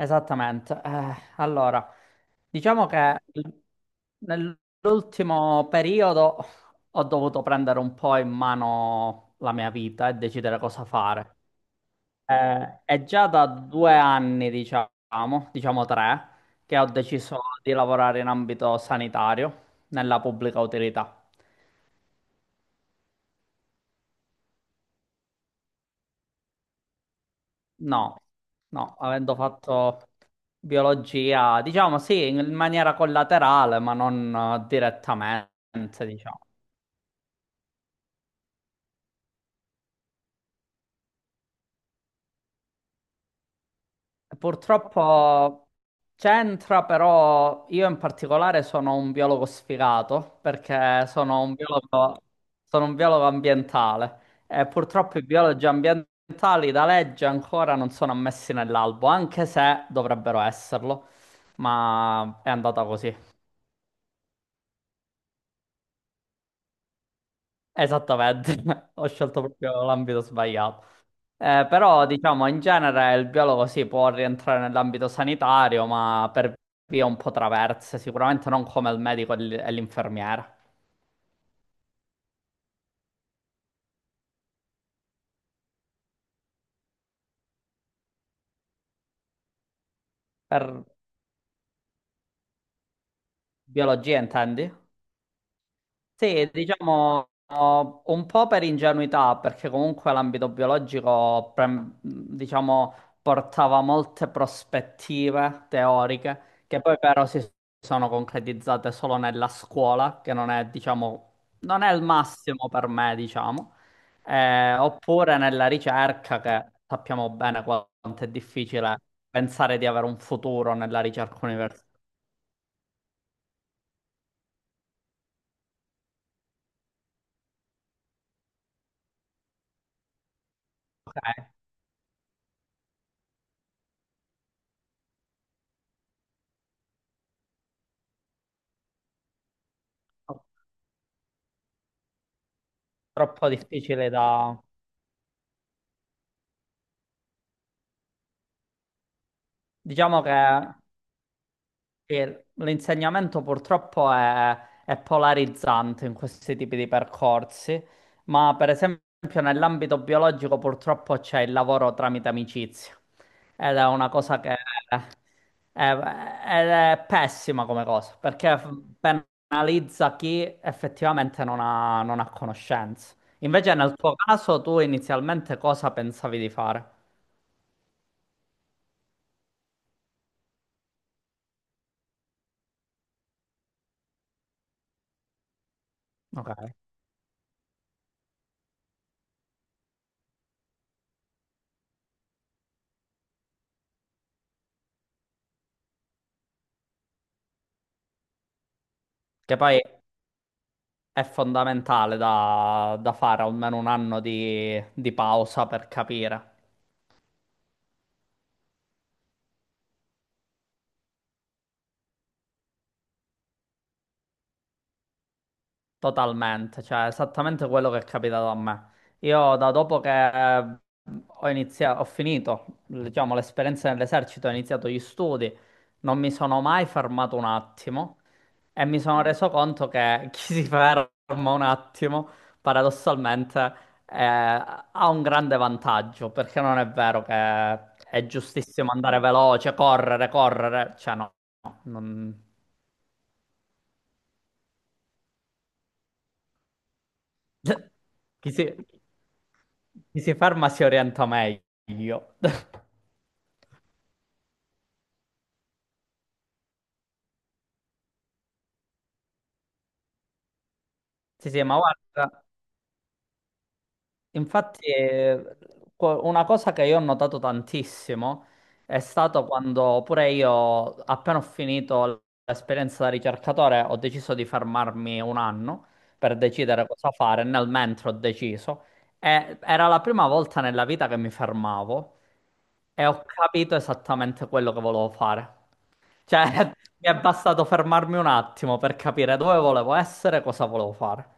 Esattamente. Allora, diciamo che nell'ultimo periodo ho dovuto prendere un po' in mano la mia vita e decidere cosa fare. È già da 2 anni, diciamo tre, che ho deciso di lavorare in ambito sanitario, nella pubblica utilità. No, no, avendo fatto biologia, diciamo sì, in maniera collaterale, ma non direttamente, diciamo. Purtroppo c'entra, però io in particolare sono un biologo sfigato perché sono un biologo ambientale e purtroppo i biologi ambientali da legge ancora non sono ammessi nell'albo, anche se dovrebbero esserlo, ma è andata così. Esattamente, ho scelto proprio l'ambito sbagliato. Però diciamo in genere il biologo si può rientrare nell'ambito sanitario, ma per vie un po' traverse, sicuramente non come il medico e l'infermiera. Per biologia intendi? Sì, diciamo oh, un po' per ingenuità, perché comunque l'ambito biologico, diciamo, portava molte prospettive teoriche che poi però si sono concretizzate solo nella scuola, che non è, diciamo, non è il massimo per me, diciamo. Oppure nella ricerca, che sappiamo bene quanto è difficile pensare di avere un futuro nella ricerca universitaria. Ok. Troppo difficile da... Diciamo che... E l'insegnamento purtroppo è polarizzante in questi tipi di percorsi, ma per esempio nell'ambito biologico purtroppo c'è il lavoro tramite amicizia ed è una cosa che è pessima come cosa perché penalizza chi effettivamente non ha conoscenze. Invece nel tuo caso tu inizialmente cosa pensavi di fare? Ok. Che poi È fondamentale da fare almeno un anno di pausa per capire. Totalmente, cioè esattamente quello che è capitato a me. Io da dopo che eh, ho iniziato, ho finito, diciamo, l'esperienza nell'esercito, ho iniziato gli studi, non mi sono mai fermato un attimo e mi sono reso conto che chi si ferma un attimo, paradossalmente, eh, ha un grande vantaggio, perché non è vero che è giustissimo andare veloce, correre, correre, cioè no, no. Chi si, chi si farma si orienta meglio. Sì, sì, ma guarda. Infatti, una cosa che io ho notato tantissimo è stato quando pure io, appena ho finito l'esperienza da ricercatore, ho deciso di fermarmi un anno per decidere cosa fare. Nel mentre ho deciso, e era la prima volta nella vita che mi fermavo e ho capito esattamente quello che volevo fare. Cioè, mi è bastato fermarmi un attimo per capire dove volevo essere e cosa volevo fare.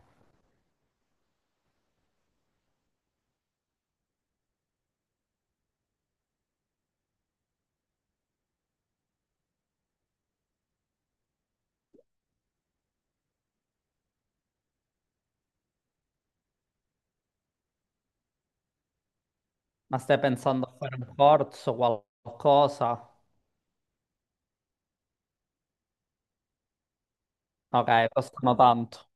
Ma stai pensando a fare un corso, qualcosa? Ok, costano tanto.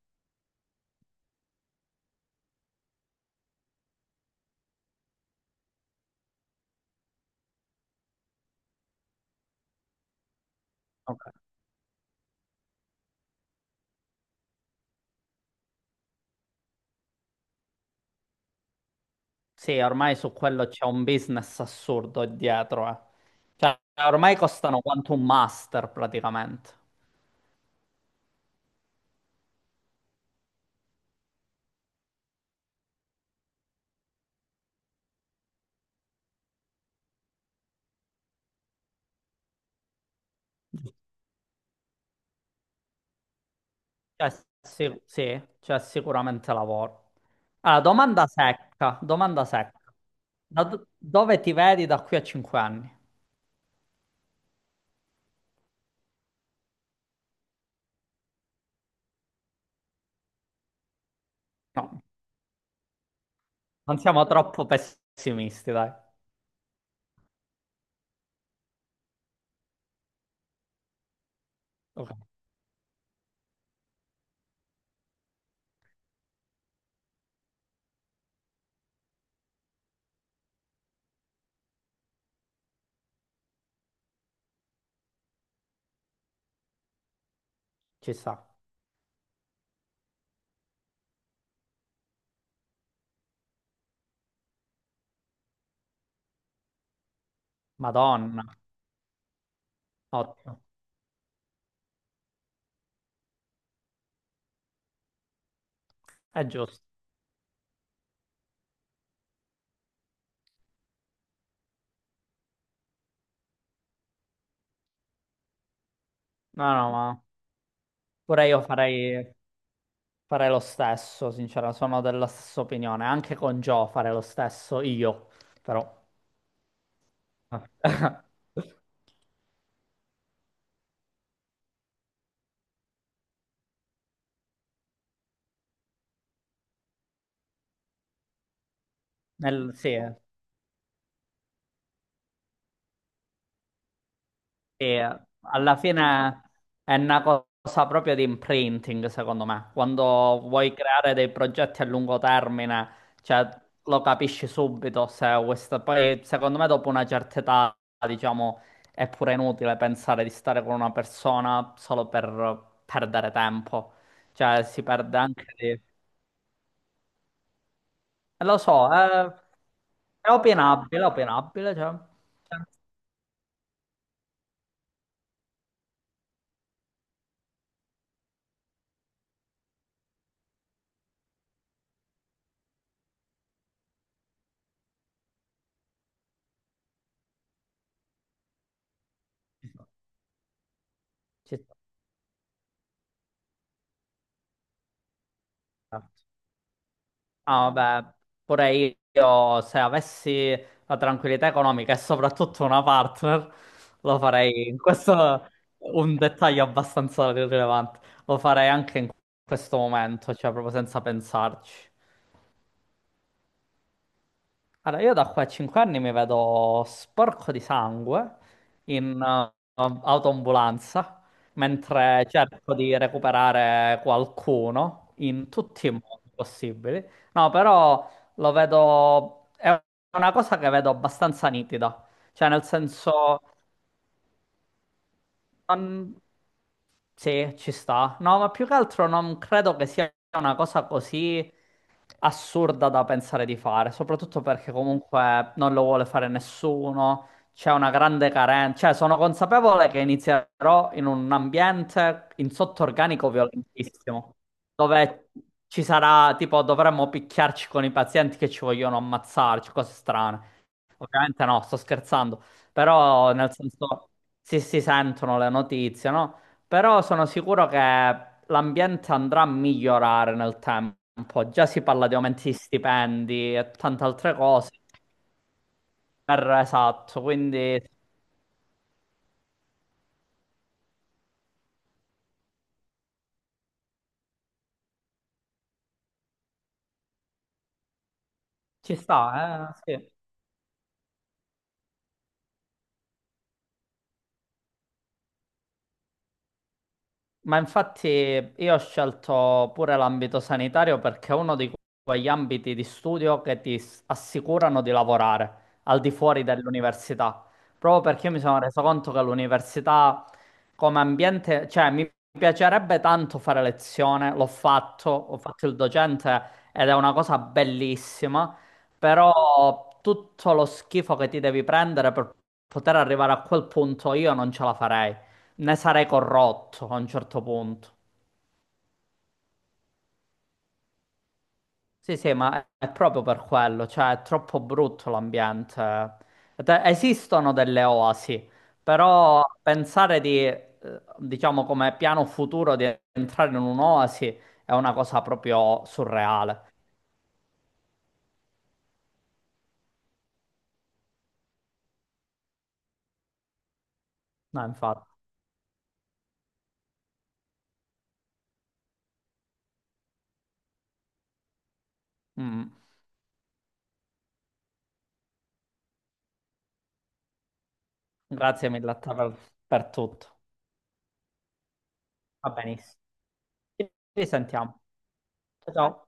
Ok. Sì, ormai su quello c'è un business assurdo dietro, eh. Cioè, ormai costano quanto un master praticamente. Cioè, sì, sì, c'è sicuramente lavoro. Ah, domanda secca, domanda secca. Dove ti vedi da qui a 5 anni? No, non siamo troppo pessimisti, dai. Ok, ci sta. Madonna, ottimo. È giusto. No, no, ma... Pure io farei lo stesso, sincero, sono della stessa opinione. Anche con Joe farei lo stesso io, però. Sì. E alla fine è una cosa proprio di imprinting, secondo me. Quando vuoi creare dei progetti a lungo termine, cioè, lo capisci subito se questa... Poi, secondo me, dopo una certa età, diciamo, è pure inutile pensare di stare con una persona solo per perdere tempo. Cioè, si perde anche di... Lo so, è opinabile, è opinabile, cioè... cioè, ci sta. Ah, vabbè, pure io se avessi la tranquillità economica e soprattutto una partner, lo farei. Questo è un dettaglio abbastanza rilevante. Lo farei anche in questo momento, cioè proprio senza pensarci. Allora, io da qua a 5 anni mi vedo sporco di sangue in autoambulanza, mentre cerco di recuperare qualcuno in tutti i modi possibili. No, però lo vedo, è una cosa che vedo abbastanza nitida, cioè nel senso. Um, sì, ci sta. No, ma più che altro non credo che sia una cosa così assurda da pensare di fare, soprattutto perché comunque non lo vuole fare nessuno, c'è una grande carenza, cioè sono consapevole che inizierò in un ambiente in sottorganico violentissimo, dove ci sarà, tipo, dovremmo picchiarci con i pazienti che ci vogliono ammazzarci, cose strane. Ovviamente no, sto scherzando. Però nel senso sì, si sentono le notizie, no? Però sono sicuro che l'ambiente andrà a migliorare nel tempo. Già si parla di aumenti di stipendi e tante altre cose. Esatto, quindi ci sta, eh? Sì. Ma infatti io ho scelto pure l'ambito sanitario perché è uno di quegli ambiti di studio che ti assicurano di lavorare al di fuori dell'università, proprio perché io mi sono reso conto che l'università come ambiente, cioè mi piacerebbe tanto fare lezione, l'ho fatto, ho fatto il docente ed è una cosa bellissima, però tutto lo schifo che ti devi prendere per poter arrivare a quel punto io non ce la farei. Ne sarei corrotto a un certo punto. Sì, sì, ma è proprio per quello, cioè è troppo brutto l'ambiente. Esistono delle oasi, però pensare di, diciamo, come piano futuro di entrare in un'oasi è una cosa proprio surreale. No, infatti. Mm. Grazie mille a te per tutto. Va benissimo. Ci risentiamo. Ciao. Ciao.